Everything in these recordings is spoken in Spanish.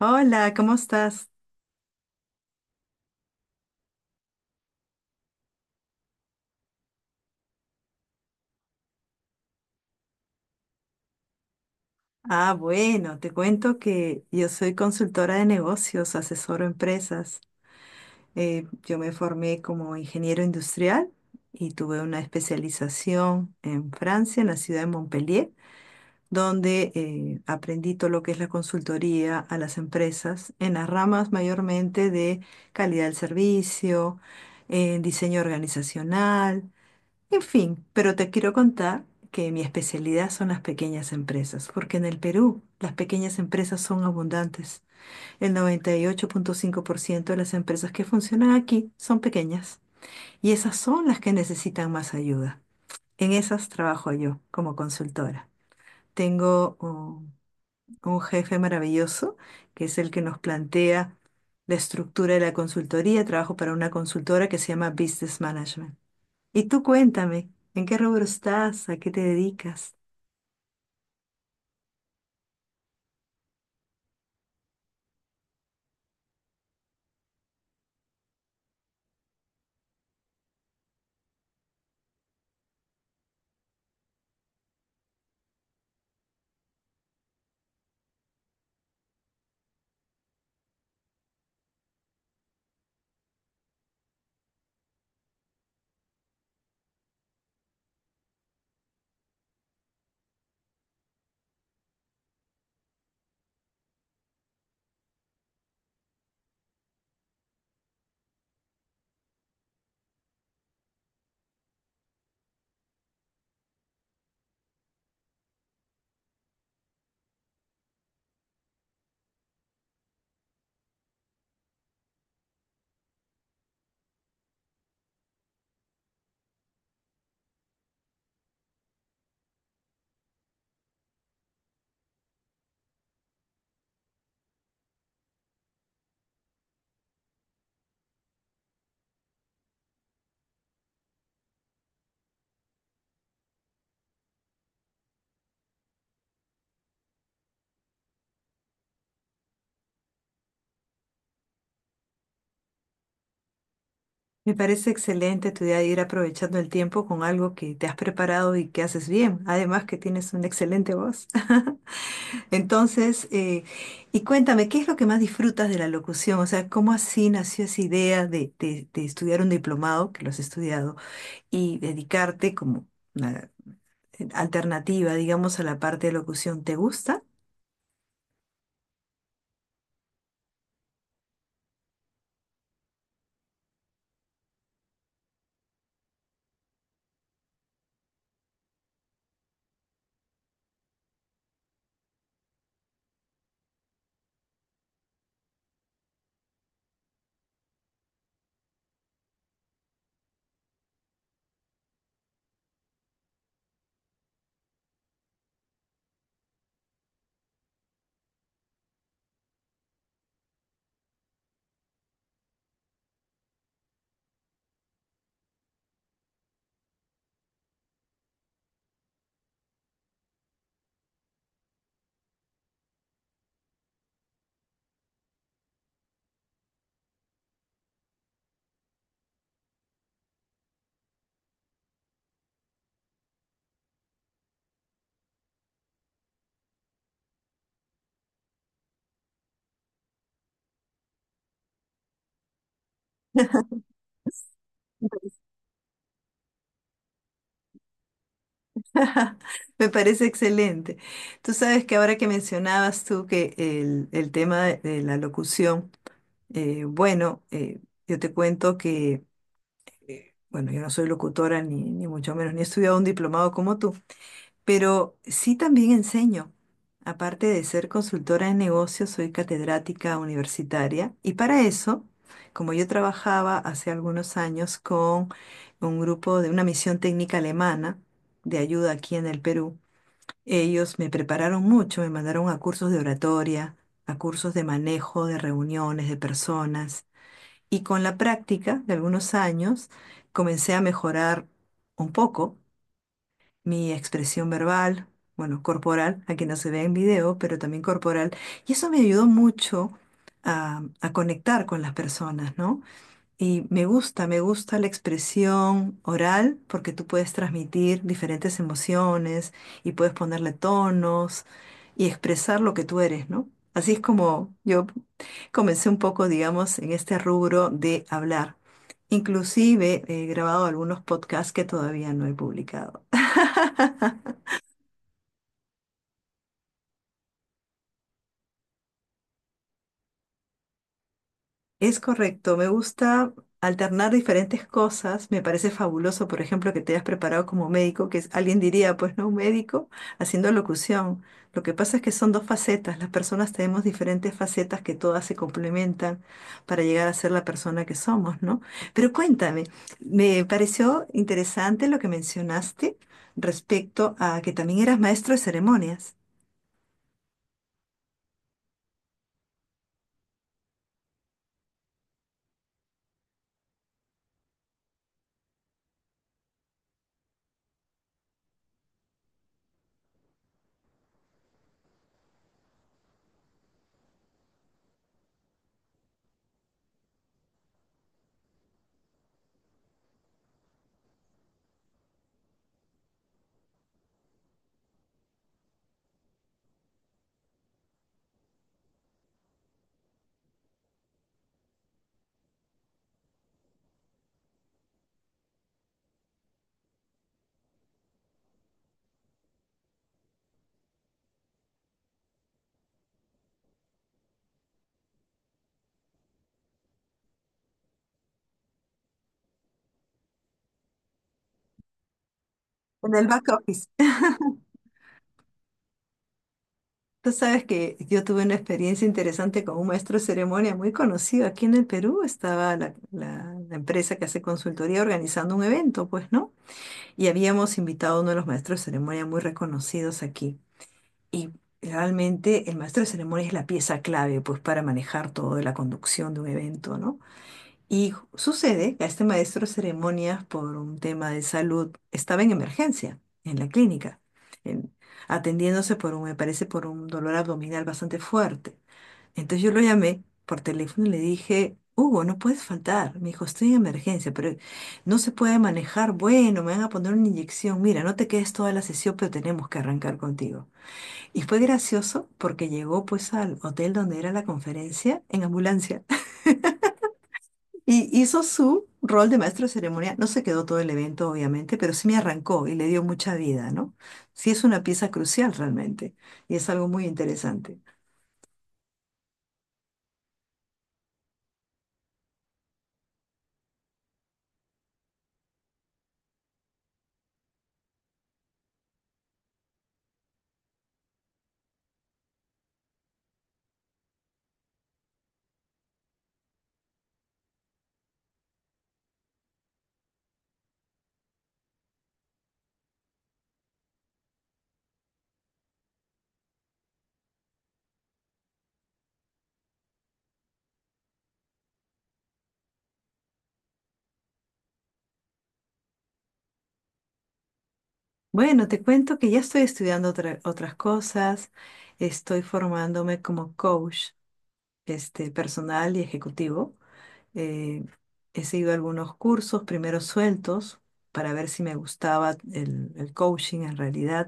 Hola, ¿cómo estás? Ah, bueno, te cuento que yo soy consultora de negocios, asesoro empresas. Yo me formé como ingeniero industrial y tuve una especialización en Francia, en la ciudad de Montpellier, donde aprendí todo lo que es la consultoría a las empresas en las ramas mayormente de calidad del servicio, en diseño organizacional. En fin, pero te quiero contar que mi especialidad son las pequeñas empresas, porque en el Perú las pequeñas empresas son abundantes. El 98.5% de las empresas que funcionan aquí son pequeñas y esas son las que necesitan más ayuda. En esas trabajo yo como consultora. Tengo un jefe maravilloso que es el que nos plantea la estructura de la consultoría. Trabajo para una consultora que se llama Business Management. Y tú cuéntame, ¿en qué rubro estás? ¿A qué te dedicas? Me parece excelente tu idea de ir aprovechando el tiempo con algo que te has preparado y que haces bien, además que tienes una excelente voz. Entonces, y cuéntame, ¿qué es lo que más disfrutas de la locución? O sea, ¿cómo así nació esa idea de estudiar un diplomado, que lo has estudiado, y dedicarte como una alternativa, digamos, a la parte de locución? ¿Te gusta? Me parece excelente. Tú sabes que ahora que mencionabas tú que el tema de la locución, bueno, yo te cuento que, bueno, yo no soy locutora ni mucho menos, ni he estudiado un diplomado como tú, pero sí también enseño. Aparte de ser consultora de negocios, soy catedrática universitaria y para eso, como yo trabajaba hace algunos años con un grupo de una misión técnica alemana de ayuda aquí en el Perú, ellos me prepararon mucho, me mandaron a cursos de oratoria, a cursos de manejo de reuniones, de personas. Y con la práctica de algunos años comencé a mejorar un poco mi expresión verbal, bueno, corporal, aquí no se ve en video, pero también corporal. Y eso me ayudó mucho a conectar con las personas, ¿no? Y me gusta la expresión oral porque tú puedes transmitir diferentes emociones y puedes ponerle tonos y expresar lo que tú eres, ¿no? Así es como yo comencé un poco, digamos, en este rubro de hablar. Inclusive he grabado algunos podcasts que todavía no he publicado. Es correcto, me gusta alternar diferentes cosas, me parece fabuloso, por ejemplo, que te hayas preparado como médico, que es- alguien diría, pues no, un médico haciendo locución. Lo que pasa es que son dos facetas, las personas tenemos diferentes facetas que todas se complementan para llegar a ser la persona que somos, ¿no? Pero cuéntame, me pareció interesante lo que mencionaste respecto a que también eras maestro de ceremonias en el back office. Tú sabes que yo tuve una experiencia interesante con un maestro de ceremonia muy conocido aquí en el Perú. Estaba la empresa que hace consultoría organizando un evento, pues, ¿no? Y habíamos invitado a uno de los maestros de ceremonia muy reconocidos aquí. Y realmente el maestro de ceremonia es la pieza clave, pues, para manejar todo de la conducción de un evento, ¿no? Y ju- sucede que a este maestro de ceremonias, por un tema de salud, estaba en emergencia, en la clínica, en- atendiéndose por un, me parece, por un dolor abdominal bastante fuerte. Entonces yo lo llamé por teléfono y le dije, Hugo, no puedes faltar. Me dijo, estoy en emergencia, pero no se puede manejar. Bueno, me van a poner una inyección. Mira, no te quedes toda la sesión, pero tenemos que arrancar contigo. Y fue gracioso porque llegó pues al hotel donde era la conferencia en ambulancia. Y hizo su rol de maestro de ceremonia. No se quedó todo el evento, obviamente, pero sí me arrancó y le dio mucha vida, ¿no? Sí es una pieza crucial realmente y es algo muy interesante. Bueno, te cuento que ya estoy estudiando otras cosas. Estoy formándome como coach, este, personal y ejecutivo. Eh, He seguido algunos cursos, primero sueltos, para ver si me gustaba el coaching en realidad.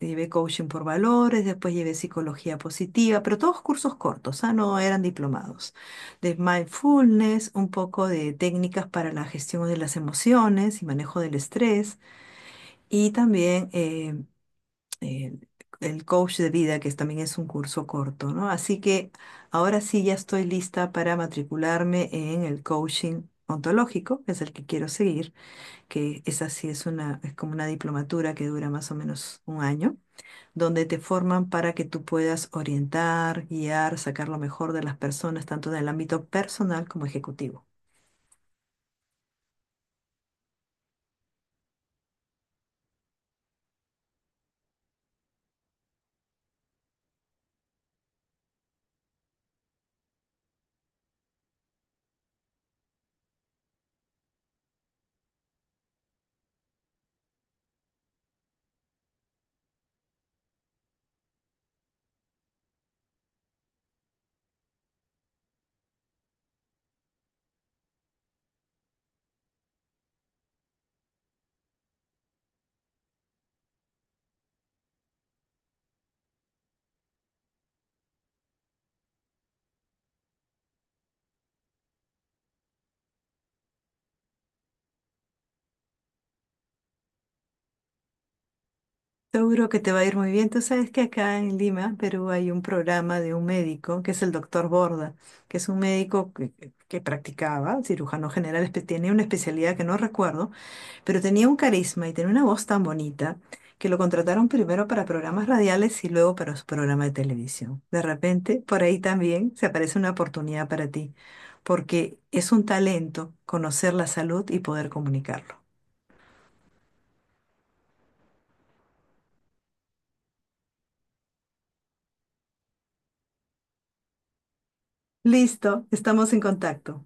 Llevé coaching por valores, después llevé psicología positiva, pero todos cursos cortos, ah, no eran diplomados. De mindfulness, un poco de técnicas para la gestión de las emociones y manejo del estrés, y también eh, el coach de vida, que es- también es un curso corto, ¿no? Así que ahora sí ya estoy lista para matricularme en el coaching. Ontológico, que es el que quiero seguir, que esa sí es una, es como una diplomatura que dura más o menos un año donde te forman para que tú puedas orientar, guiar, sacar lo mejor de las personas, tanto en el ámbito personal como ejecutivo. Seguro que te va a ir muy bien. Tú sabes que acá en Lima, Perú, hay un programa de un médico, que es el doctor Borda, que es un médico que practicaba, cirujano general, tiene una especialidad que no recuerdo, pero tenía un carisma y tenía una voz tan bonita que lo contrataron primero para programas radiales y luego para su programa de televisión. De repente, por ahí también se aparece una oportunidad para ti, porque es un talento conocer la salud y poder comunicarlo. Listo, estamos en contacto.